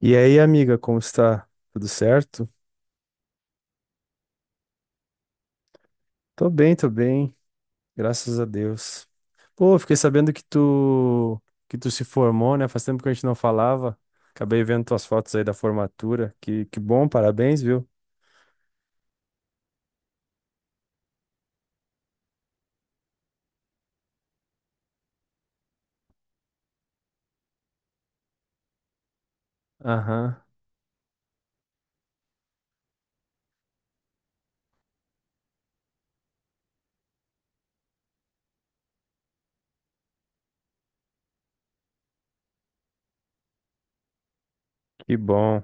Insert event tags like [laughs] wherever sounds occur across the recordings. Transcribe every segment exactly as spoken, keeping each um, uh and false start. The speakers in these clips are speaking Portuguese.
E aí, amiga, como está? Tudo certo? Tô bem, tô bem, graças a Deus. Pô, fiquei sabendo que tu que tu se formou, né? Faz tempo que a gente não falava. Acabei vendo tuas fotos aí da formatura. Que que bom, parabéns, viu? Aham, que bom.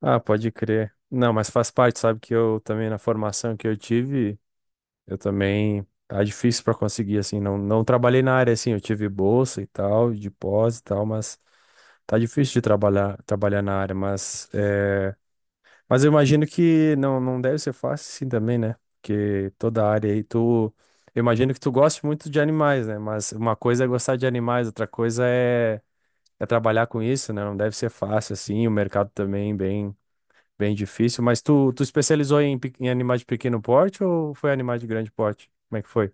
Ah, pode crer. Não, mas faz parte, sabe que eu também na formação que eu tive, eu também. Tá difícil pra conseguir, assim. Não, não trabalhei na área, assim. Eu tive bolsa e tal, de pós e tal, mas tá difícil de trabalhar, trabalhar na área. Mas, é... mas eu imagino que não, não deve ser fácil, assim, também, né? Porque toda área aí, tu. Eu imagino que tu goste muito de animais, né? Mas uma coisa é gostar de animais, outra coisa é, é trabalhar com isso, né? Não deve ser fácil, assim. O mercado também bem, bem difícil. Mas tu, tu especializou em, pe- em animais de pequeno porte ou foi animais de grande porte? Como é que foi?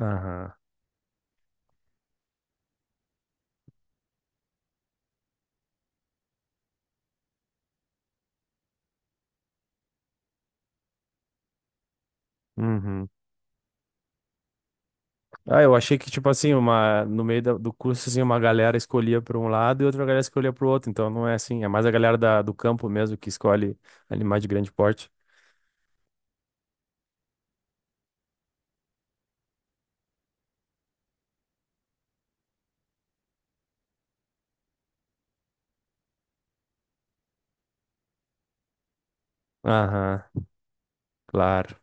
Aham. Uhum. Ah, eu achei que, tipo assim, uma, no meio da- do curso, assim, uma galera escolhia para um lado e outra galera escolhia para o outro. Então não é assim, é mais a galera da- do campo mesmo que escolhe animais de grande porte. Aham, claro.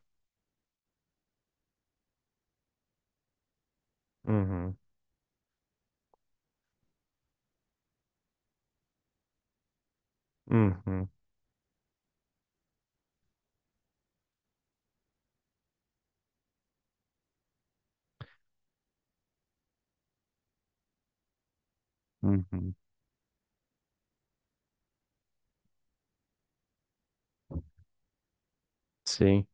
Uhum. Uhum. Uhum. Sim.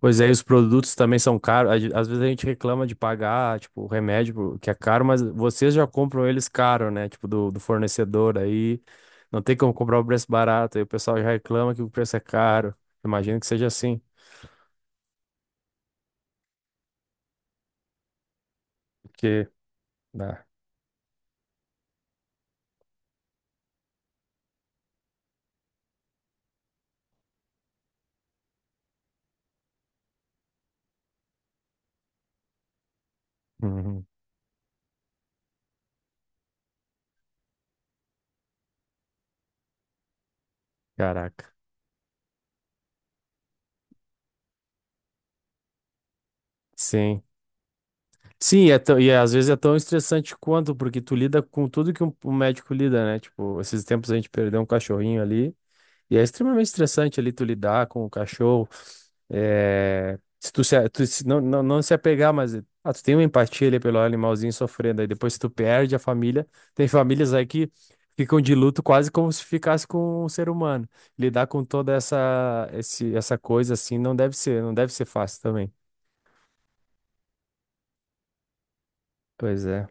Pois é, e os produtos também são caros. A gen- Às vezes a gente reclama de pagar, tipo, o remédio pro- que é caro, mas vocês já compram eles caro, né? Tipo, do, do fornecedor aí. Não tem como comprar o preço barato. Aí o pessoal já reclama que o preço é caro. Imagino que seja assim, porque... Ah, uhum, caraca. Sim. Sim, é tão- e é, às vezes é tão estressante quanto, porque tu lida com tudo que um, um médico lida, né? Tipo, esses tempos a gente perdeu um cachorrinho ali. E é extremamente estressante ali tu lidar com o cachorro. É, se tu, se, tu se- não, não, não se apegar, mas ah, tu tem uma empatia ali pelo animalzinho sofrendo. Aí depois tu perde a família. Tem famílias aí que ficam de luto quase como se ficasse com um ser humano. Lidar com toda essa, esse, essa coisa assim não deve ser, não deve ser fácil também. Pois é.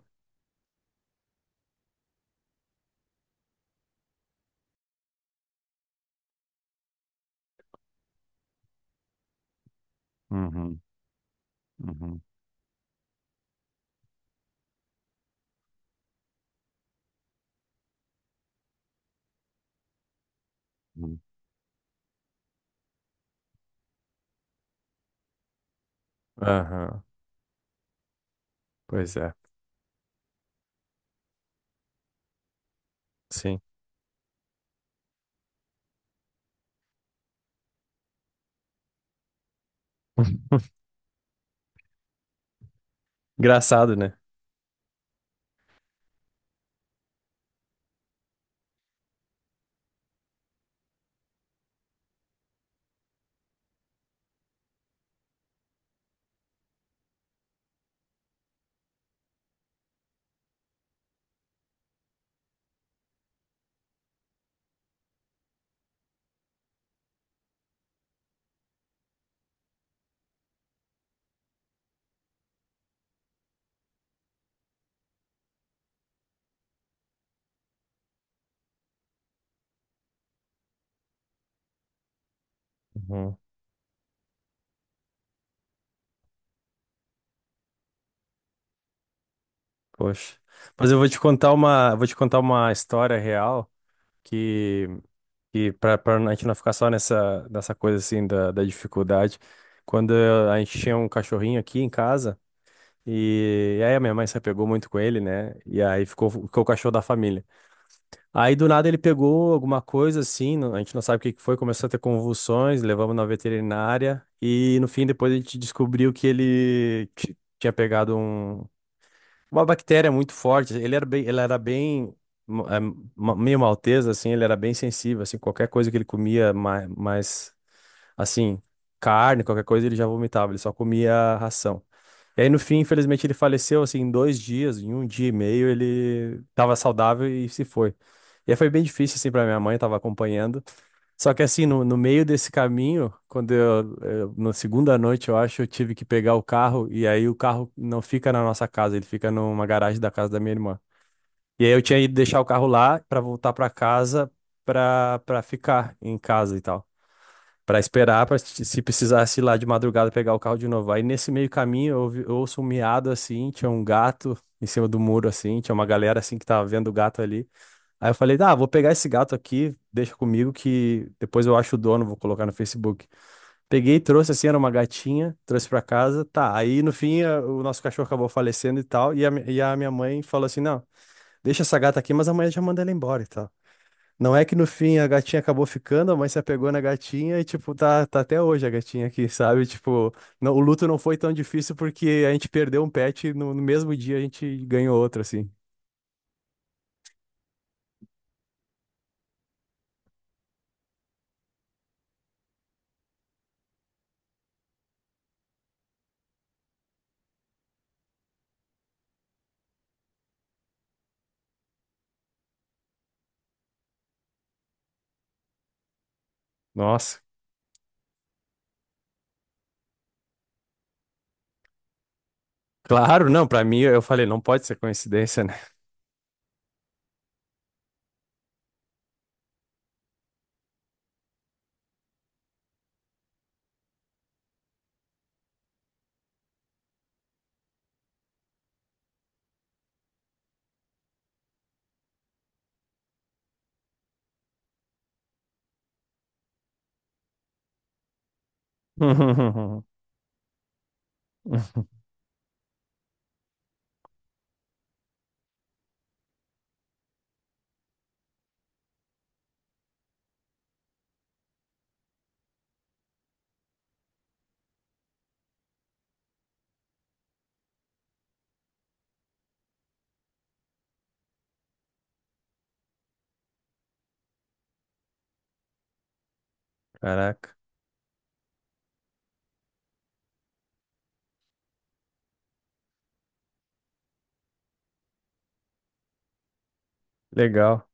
Uhum, uhum, uhum. Aham. Pois é. Sim. [laughs] Engraçado, né? Uhum. Poxa. Mas eu vou te contar uma, vou te contar uma história real que, que para a gente não ficar só nessa, nessa coisa assim da, da dificuldade. Quando eu- a gente tinha um cachorrinho aqui em casa, e, e aí a minha mãe se apegou muito com ele, né? E aí ficou, ficou o cachorro da família. Aí do nada ele pegou alguma coisa assim, não- a gente não sabe o que que foi, começou a ter convulsões, levamos na veterinária, e no fim depois a gente descobriu que ele. t- Tinha pegado um, uma bactéria muito forte. Ele era bem, ele era bem ma- eh, ma- meio malteza, assim, ele era bem sensível, assim, qualquer coisa que ele comia mais, mais assim, carne, qualquer coisa, ele já vomitava, ele só comia ração. E aí, no fim, infelizmente, ele faleceu, assim, em dois dias, em um dia e meio, ele tava saudável e se foi. E aí foi bem difícil, assim, pra minha mãe, tava acompanhando. Só que assim, no, no meio desse caminho, quando eu, eu- na segunda noite, eu acho, eu tive que pegar o carro, e aí o carro não fica na nossa casa, ele fica numa garagem da casa da minha irmã. E aí eu tinha ido deixar o carro lá pra voltar pra casa pra para ficar em casa e tal. Pra esperar, pra, se se precisasse ir lá de madrugada pegar o carro de novo. Aí nesse meio caminho eu, ouvi- eu ouço um miado assim, tinha um gato em cima do muro assim, tinha uma galera assim que tava vendo o gato ali. Aí eu falei, ah, vou pegar esse gato aqui, deixa comigo que depois eu acho o dono, vou colocar no Facebook. Peguei, trouxe assim, era uma gatinha, trouxe pra casa, tá. Aí no fim a- o nosso cachorro acabou falecendo e tal, e a, mi- e a minha mãe falou assim, não, deixa essa gata aqui, mas amanhã já manda ela embora e tal. Não é que no fim a gatinha acabou ficando, a mãe se apegou na gatinha e, tipo, tá, tá até hoje a gatinha aqui, [laughs] sabe? Tipo, não- o luto não foi tão difícil porque a gente perdeu um pet e no, no mesmo dia a gente ganhou outro, assim. Nossa, claro, não, pra mim eu falei, não pode ser coincidência, né? [laughs] Caraca, legal,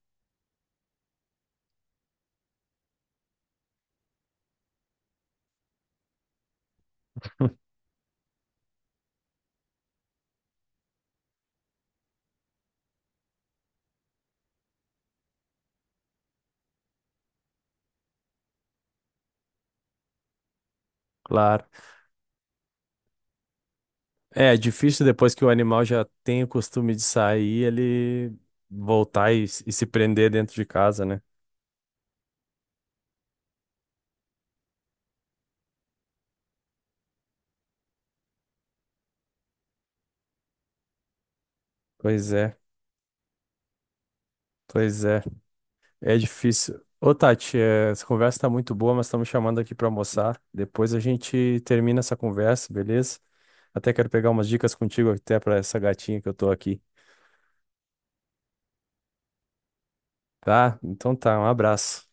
claro. É, é difícil depois que o animal já tem o costume de sair, ele voltar e, s- e se prender dentro de casa, né? Pois é, pois é, é difícil. Ô, Tati, é, essa conversa tá muito boa, mas estamos chamando aqui pra almoçar. Depois a gente termina essa conversa, beleza? Até quero pegar umas dicas contigo até para essa gatinha que eu tô aqui, tá? Então tá, um abraço.